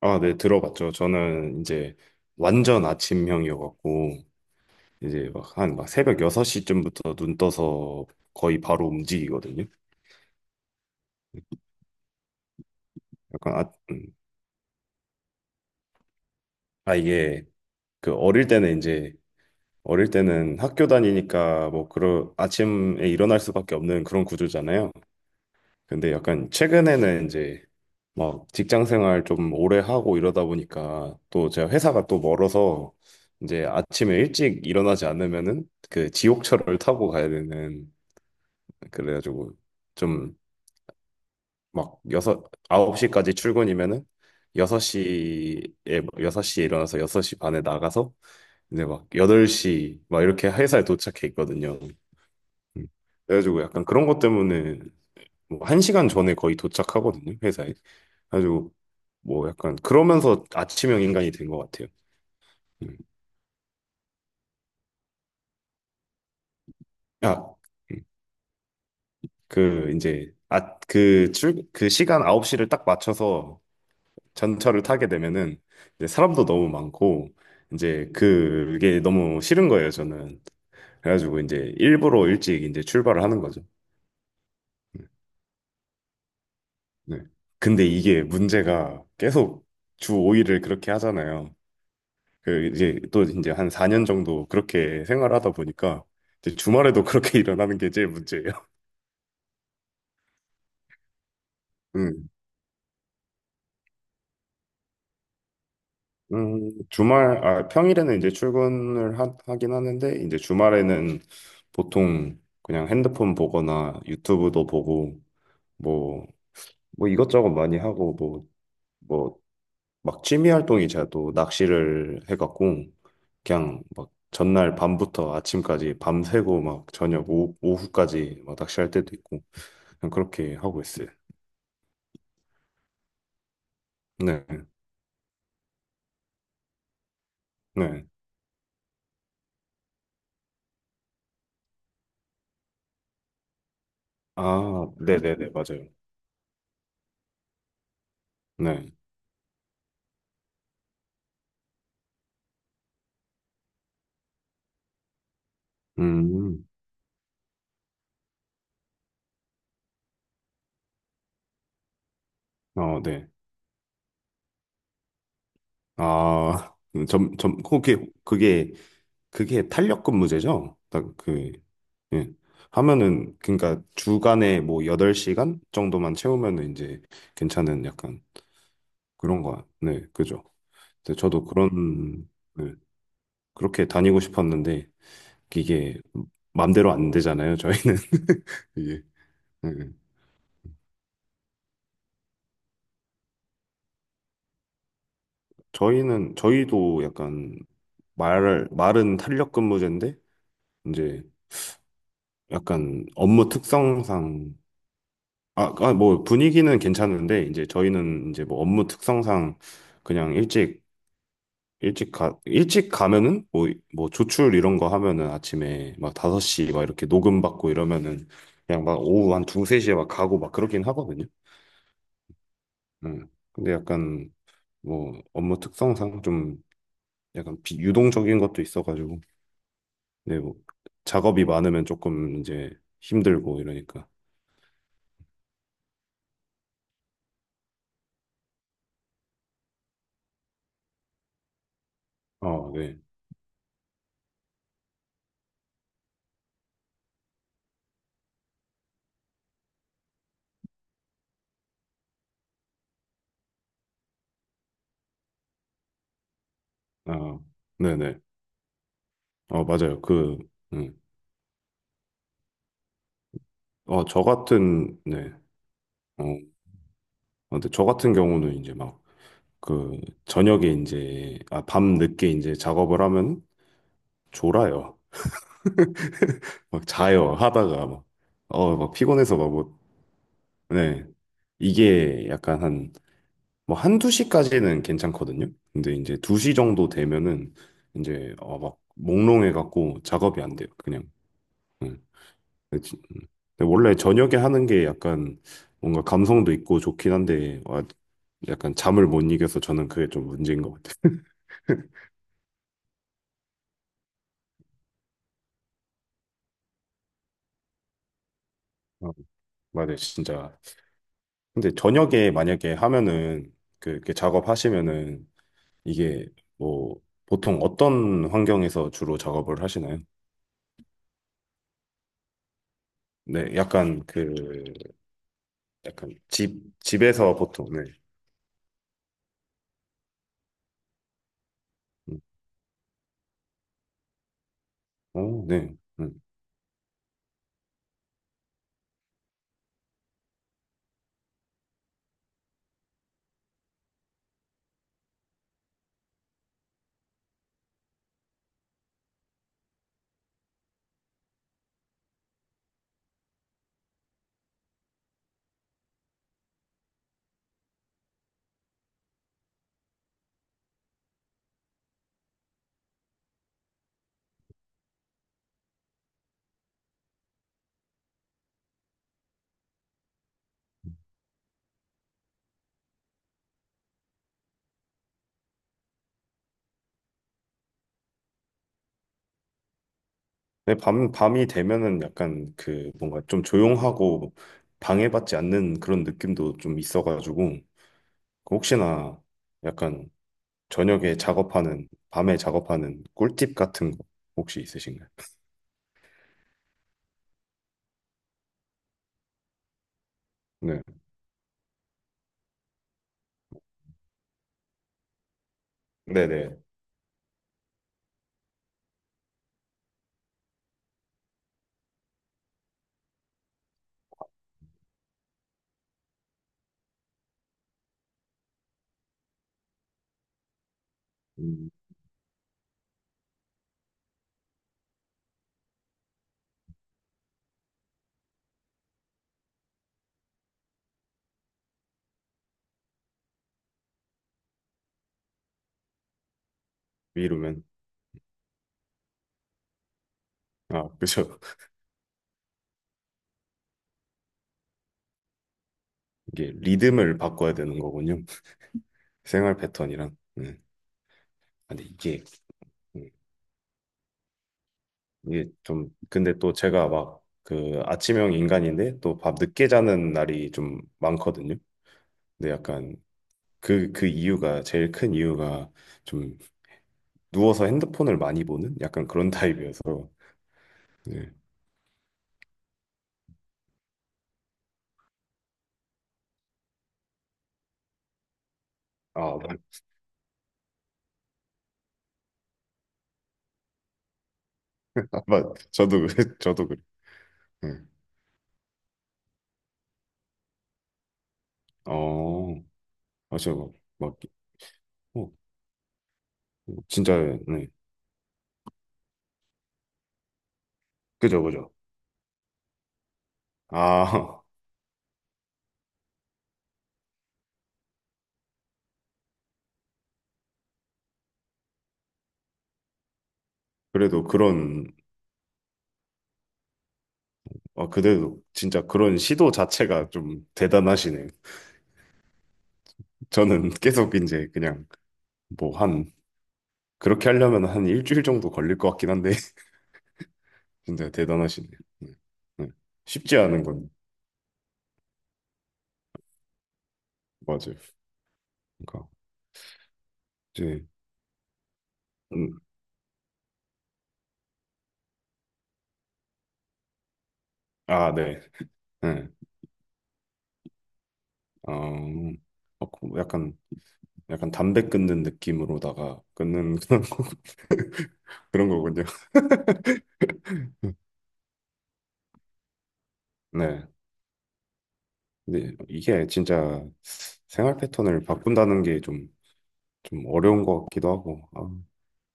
아, 네, 들어봤죠. 저는 이제 완전 아침형이어갖고, 이제 막 한 새벽 6시쯤부터 눈 떠서 거의 바로 움직이거든요. 약간, 이게 그 어릴 때는 학교 다니니까 뭐 그런 아침에 일어날 수밖에 없는 그런 구조잖아요. 근데 약간 최근에는 이제 막 직장 생활 좀 오래 하고 이러다 보니까 또 제가 회사가 또 멀어서 이제 아침에 일찍 일어나지 않으면은 그 지옥철을 타고 가야 되는, 그래가지고 좀 막 여섯 아홉 시까지 출근이면은 여섯 시에 여섯 시에 일어나서 여섯 시 반에 나가서 이제 막 여덟 시 막 이렇게 회사에 도착해 있거든요. 음. 그래가지고 약간 그런 것 때문에 뭐시간 전에 거의 도착하거든요, 회사에. 아주 뭐 약간 그러면서 아침형 인간이 된 것 같아요. 음. 아, 음. 그 이제 그 시간 9시를 딱 맞춰서 전철을 타게 되면은 이제 사람도 너무 많고, 이제 그게 너무 싫은 거예요, 저는. 그래가지고 이제 일부러 일찍 이제 출발을 하는 거죠. 음. 네. 근데 이게 문제가 계속 주 5일을 그렇게 하잖아요. 그 이제 또 이제 한 4년 정도 그렇게 생활하다 보니까 이제 주말에도 그렇게 일어나는 게 제일 문제예요. 음, 평일에는 이제 출근을 하긴 하는데, 이제 주말에는 보통 그냥 핸드폰 보거나 유튜브도 보고, 뭐, 이것저것 많이 하고, 뭐, 뭐 막 취미 활동이, 제가 또 낚시를 해갖고 그냥 막 전날 밤부터 아침까지 밤새고 막 저녁 오후까지 막 낚시할 때도 있고 그냥 그렇게 하고 있어요. 네, 네. 아, 네네네, 맞아요. 네. 음, 어, 네. 아, 그게, 그게 탄력 근무제죠? 예. 하면은, 그러니까 주간에 뭐 8시간 정도만 채우면은 이제 괜찮은 약간 그런 거야. 네, 그죠. 근데 저도 그런, 네, 그렇게 다니고 싶었는데, 이게 맘대로 안 되잖아요, 저희는. 이게. 네. 네. 저희는, 저희도 약간 말은 탄력 근무제인데, 이제 약간 업무 특성상, 뭐 분위기는 괜찮은데, 이제 저희는 이제 뭐 업무 특성상 그냥 일찍 일찍 가면은 뭐, 조출 이런 거 하면은 아침에 막 5시 막 이렇게 녹음 받고 이러면은 그냥 막 오후 한 2, 3시에 막 가고 막 그러긴 하거든요. 음. 근데 약간 뭐 업무 특성상 좀 약간 비유동적인 것도 있어가지고 네, 뭐 작업이 많으면 조금 이제 힘들고 이러니까. 아, 네. 아, 네네. 어, 맞아요. 그, 음. 네. 어, 어, 근데 저 같은 경우는 이제 막 그 저녁에 이제 밤 늦게 이제 작업을 하면 졸아요. 막 자요 하다가 막 피곤해서 막 뭐, 네. 이게 약간 한, 뭐 한두 시까지는 괜찮거든요. 근데 이제 2시 정도 되면은 이제 막 몽롱해 갖고 작업이 안 돼요. 그냥. 응. 근데 지- 음. 근데 원래 저녁에 하는 게 약간 뭔가 감성도 있고 좋긴 한데 와, 약간 잠을 못 이겨서 저는 그게 좀 문제인 것 같아요. 어, 맞아요. 진짜. 근데 저녁에 만약에 하면은 그 이렇게 작업하시면은 이게 뭐 보통 어떤 환경에서 주로 작업을 하시나요? 네, 약간 그 약간 집 집에서 보통. 네. 음. 어, 네. 음. 네, 밤 밤이 되면은 약간 그 뭔가 좀 조용하고 방해받지 않는 그런 느낌도 좀 있어가지고, 그 혹시나 약간 저녁에 작업하는 밤에 작업하는 꿀팁 같은 거 혹시 있으신가요? 네. 네네. 위로면. 아, 그죠. 이게 리듬을 바꿔야 되는 거군요. 생활 패턴이랑. 네. 근데 이게, 음, 이게 좀, 근데 또 제가 막 그 아침형 인간인데 또 밤 늦게 자는 날이 좀 많거든요. 근데 약간 제일 큰 이유가 좀 누워서 핸드폰을 많이 보는 약간 그런 타입이어서. 네. 아, 맞. 맞. 저도 그래. 네. 어, 맞아요. 막, 어, 진짜, 네. 그죠, 그죠. 아, 그래도 그런, 그래도 진짜 그런 시도 자체가 좀 대단하시네. 저는 계속 이제 그냥 뭐 한, 그렇게 하려면 한 일주일 정도 걸릴 것 같긴 한데, 진짜 대단하시네. 네. 네. 쉽지 않은 건, 맞아요. 그러니까, 이제, 음, 네. 네. 어, 그 약간 담배 끊는 느낌으로다가 끊는 그런 거, 그런 거군요. 네. 근데 이게 진짜 생활 패턴을 바꾼다는 게좀 좀 어려운 것 같기도 하고. 아,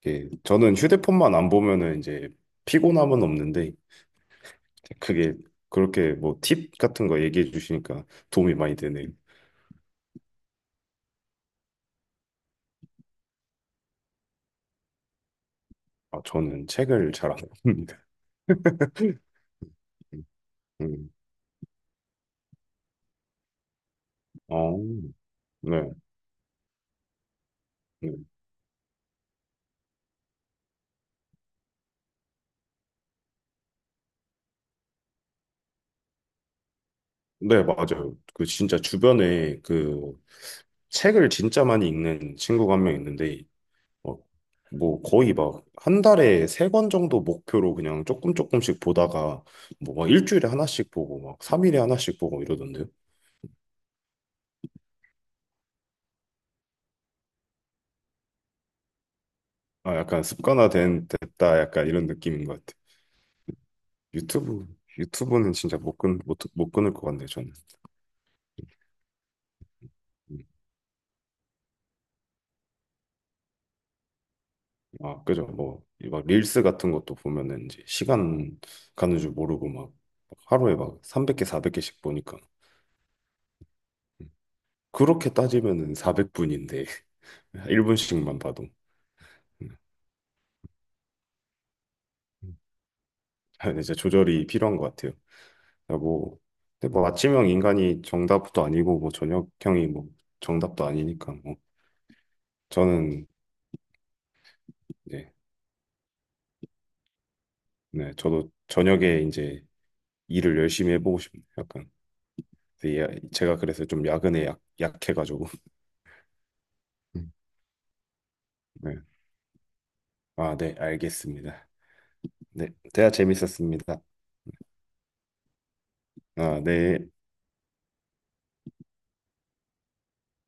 이게 저는 휴대폰만 안 보면은 이제 피곤함은 없는데, 그게 그렇게 뭐 팁 같은 거 얘기해 주시니까 도움이 많이 되네요. 아, 저는 책을 잘 안 봅니다. 음. 어, 네. 네, 네, 맞아요. 그 진짜 주변에 그 책을 진짜 많이 읽는 친구가 한 명 있는데, 어, 뭐 거의 막 한 달에 세 권 정도 목표로 그냥 조금 조금씩 보다가 뭐막 일주일에 하나씩 보고 막 3일에 하나씩 보고 이러던데요. 아, 약간 습관화된 됐다 약간 이런 느낌인 것 같아. 유튜브 유튜브는 진짜 못 끊, 못, 못 끊을 것 같네, 저는. 음. 아, 그죠. 뭐 막 릴스 같은 것도 보면은 이제 시간 가는 줄 모르고 막 하루에 막 300개 400개씩 보니까. 음. 그렇게 따지면은 400분인데 1분씩만 봐도. 음. 음. 이제 조절이 필요한 것 같아요. 그러니까 뭐, 근데 뭐 아침형 인간이 정답도 아니고 뭐 저녁형이 뭐 정답도 아니니까 뭐 저는 이제, 네, 저도 저녁에 이제 일을 열심히 해보고 싶네요. 약간 근데 제가 그래서 좀 야근에 약해가지고 네. 아, 네, 알겠습니다. 네, 대화 재밌었습니다. 아, 네.